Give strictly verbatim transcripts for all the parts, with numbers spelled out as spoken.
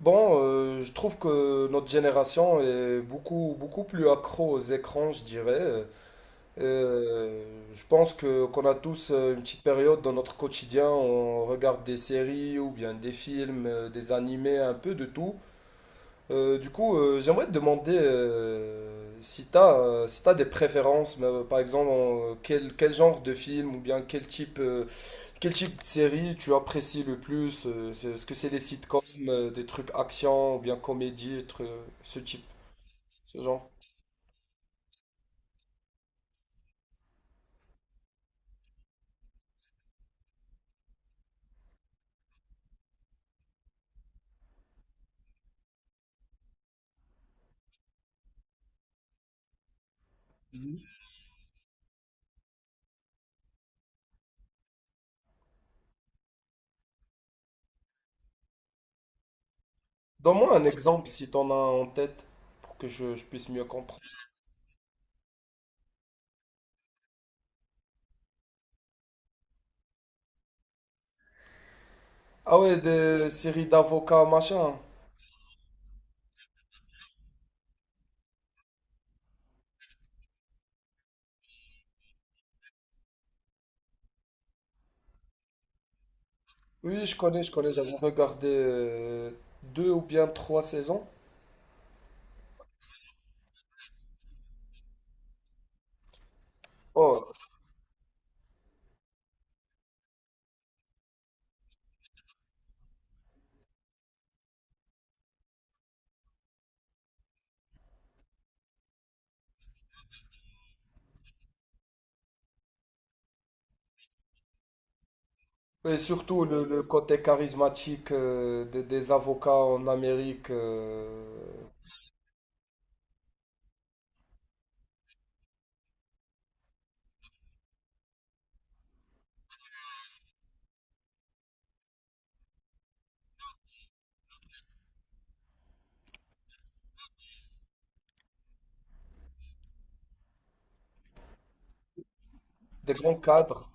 Bon, euh, je trouve que notre génération est beaucoup, beaucoup plus accro aux écrans, je dirais. Euh, je pense que qu'on a tous euh, une petite période dans notre quotidien, on regarde des séries ou bien des films, euh, des animés, un peu de tout. Euh, du coup, euh, j'aimerais te demander euh, si tu as, si t'as des préférences, mais, euh, par exemple, en- quel, quel genre de film ou bien quel type euh, quel type de série tu apprécies le plus? euh, c'est- Est-ce que c'est des sitcoms, euh, des trucs action ou bien comédie, tru- ce type, ce genre? Donne-moi un exemple si t'en as un en tête pour que je, je puisse mieux comprendre. Ah ouais, des séries d'avocats, machin. Oui, je connais, je connais. J'avais regardé euh, deux ou bien trois saisons. Oh, et surtout le, le côté charismatique euh, des, des avocats en Amérique, euh, des grands cadres.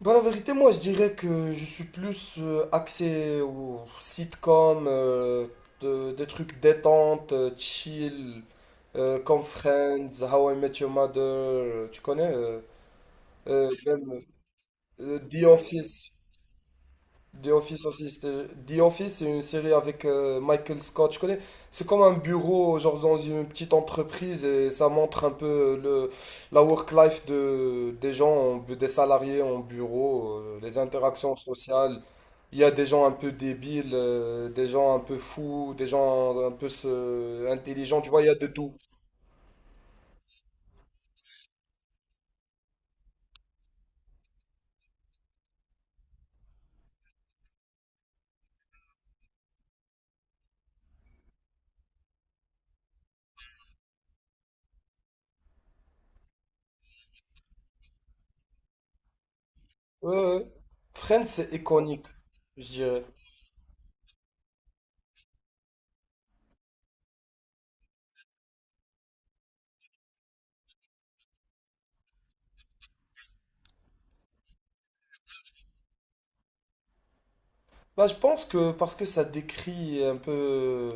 Dans la vérité, moi, je dirais que je suis plus euh, axé aux sitcoms, euh, de- des trucs détente, euh, chill, euh, comme Friends, How I Met Your Mother, euh, tu connais? euh, euh, même euh, The Office. The Office aussi. c'était- The Office, c'est une série avec euh, Michael Scott, je connais. C'est comme un bureau, genre dans une petite entreprise, et ça montre un peu le, la work-life de, des gens, en bu- des salariés en bureau, euh, les interactions sociales. Il y a des gens un peu débiles, euh, des gens un peu fous, des gens un peu se- intelligents, tu vois, il y a de tout. Ouais, ouais. Friends, c'est iconique, je dirais. Bah, je pense que parce que ça décrit un peu,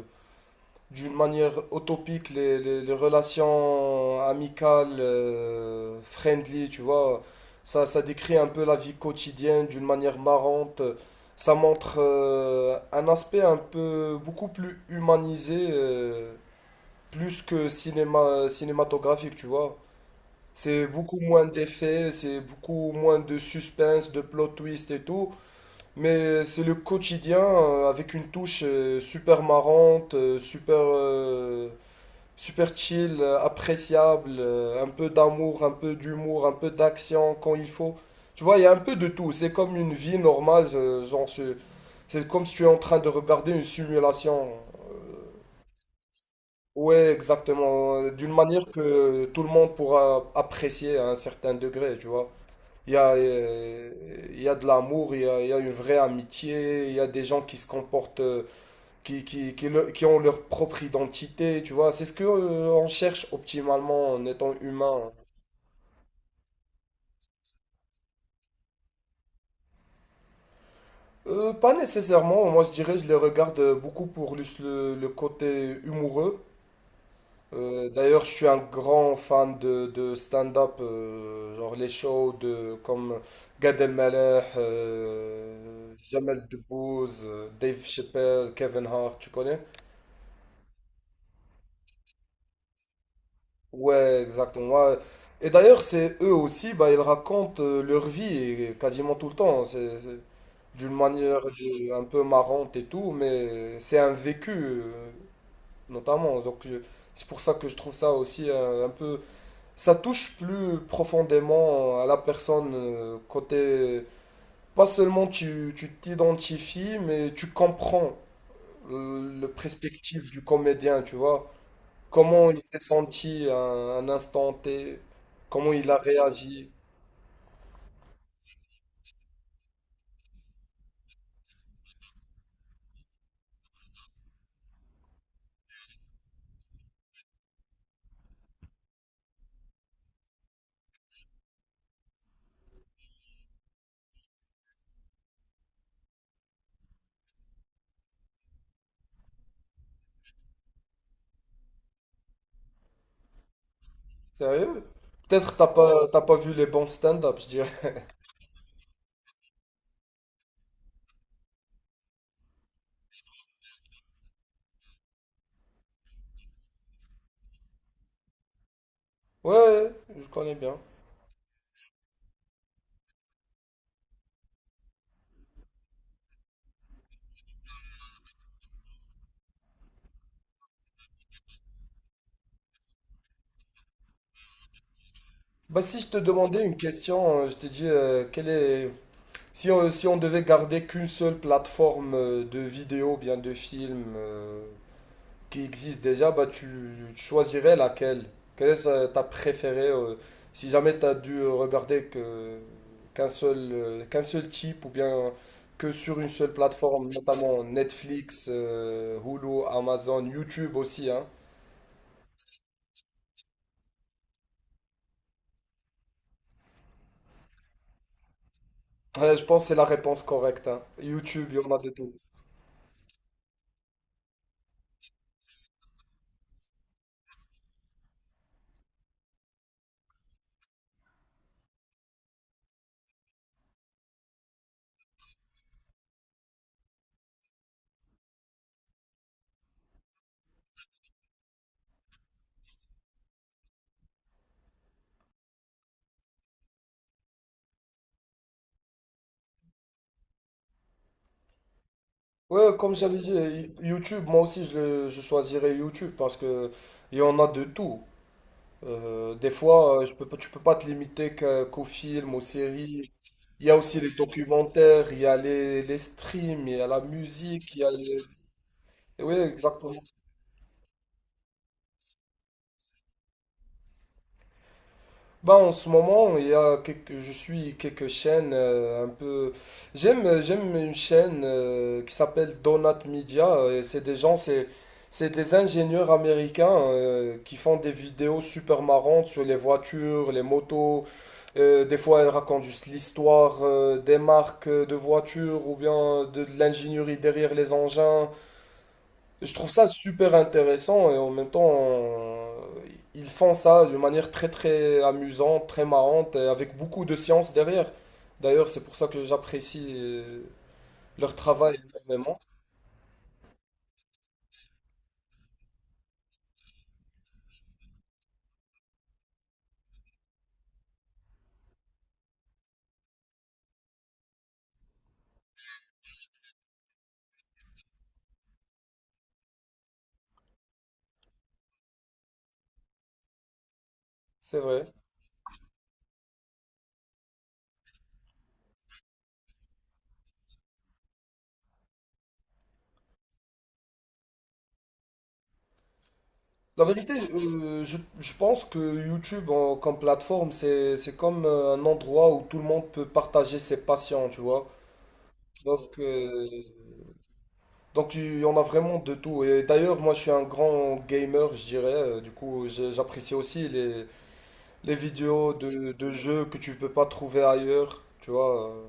d'une manière utopique les, les, les relations amicales, euh, friendly, tu vois. Ça, ça décrit un peu la vie quotidienne d'une manière marrante. Ça montre euh, un aspect un peu beaucoup plus humanisé, euh, plus que cinéma, cinématographique, tu vois. C'est beaucoup moins d'effets, c'est beaucoup moins de suspense, de plot twist et tout. Mais c'est le quotidien euh, avec une touche euh, super marrante, euh, super euh, Super chill, euh, appréciable, euh, un peu d'amour, un peu d'humour, un peu d'action quand il faut. Tu vois, il y a un peu de tout. C'est comme une vie normale, euh, genre ce- c'est comme si tu es en train de regarder une simulation. Ouais, exactement. euh, D'une manière que tout le monde pourra apprécier à un certain degré, tu vois. Il y a, euh, il y a de l'amour, il y a, il y a une vraie amitié, il y a des gens qui se comportent euh, qui, qui, qui, le- qui ont leur propre identité, tu vois. C'est ce que euh, on cherche optimalement en étant humain. Euh, pas nécessairement, moi je dirais, je les regarde euh, beaucoup pour le, le- le côté humoureux. Euh, d'ailleurs, je suis un grand fan de, de stand-up, euh, genre les shows de, comme Gad Elmaleh, euh, Jamel Debbouze, euh, Dave Chappelle, Kevin Hart, tu connais? Ouais, exactement. Moi- Et d'ailleurs, c'est eux aussi, bah, ils racontent euh, leur vie et quasiment tout le temps. C'est c'est d'une manière euh, un peu marrante et tout, mais c'est un vécu, euh, notamment. Donc, je- c'est pour ça que je trouve ça aussi euh, un peu. Ça touche plus profondément à la personne, euh, côté. Pas seulement tu tu t'identifies, mais tu comprends euh, le perspective du comédien, tu vois. Comment il s'est senti à un instant T? Comment il a réagi? Sérieux? Peut-être t'as pas t'as pas vu les bons stand-up, je dirais. Ouais, ouais, je connais bien. Bah si je te demandais une question, euh, je te dis euh, quelle est si on, si on devait garder qu'une seule plateforme euh, de vidéo, bien de film, qui existe déjà, bah, tu, tu choisirais laquelle? Quelle est euh, ta préférée euh, si jamais tu as dû euh, regarder que, qu'un seul, euh, qu'un seul type ou bien que sur une seule plateforme, notamment Netflix, euh, Hulu, Amazon, YouTube aussi, hein. Ouais, je pense que c'est la réponse correcte, hein. YouTube, il y en a de tout. Ouais, comme j'avais dit, euh, YouTube, moi aussi, je, le- je choisirais YouTube parce que il y en a de tout. Euh, des fois, euh, je peux, pas- tu peux pas te limiter qu'à- qu'aux films, aux séries. Il y a aussi les documentaires, il y a les, les streams, il y a la musique, il y a les... Oui, exactement. Bah, en ce moment, il y a quelques, je suis quelques chaînes euh, un peu... J'aime, j'aime une chaîne euh, qui s'appelle Donut Media, euh, et C'est des gens, c'est, c'est des ingénieurs américains euh, qui font des vidéos super marrantes sur les voitures, les motos. Euh, des fois, elles racontent juste l'histoire euh, des marques euh, de voitures ou bien de de l'ingénierie derrière les engins. Je trouve ça super intéressant et en même temps, euh, ils font ça d'une manière très très amusante, très marrante et avec beaucoup de science derrière. D'ailleurs, c'est pour ça que j'apprécie euh, leur travail énormément. C'est vrai. La vérité, euh, je, je pense que YouTube en- comme plateforme, c'est, c'est comme euh, un endroit où tout le monde peut partager ses passions, tu vois. Donc, euh, donc il y en a vraiment de tout. Et d'ailleurs, moi je suis un grand gamer, je dirais. Euh, Du coup, j'ai- j'apprécie aussi les, Les vidéos de, de jeux que tu peux pas trouver ailleurs, tu vois. euh.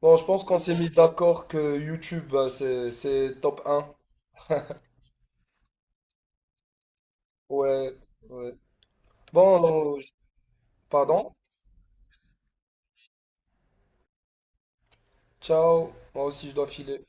Bon, je pense qu'on s'est mis d'accord que YouTube, euh, c'est, c'est top un. Ouais, ouais. Bon, euh, pardon. Ciao. Moi aussi, je dois filer.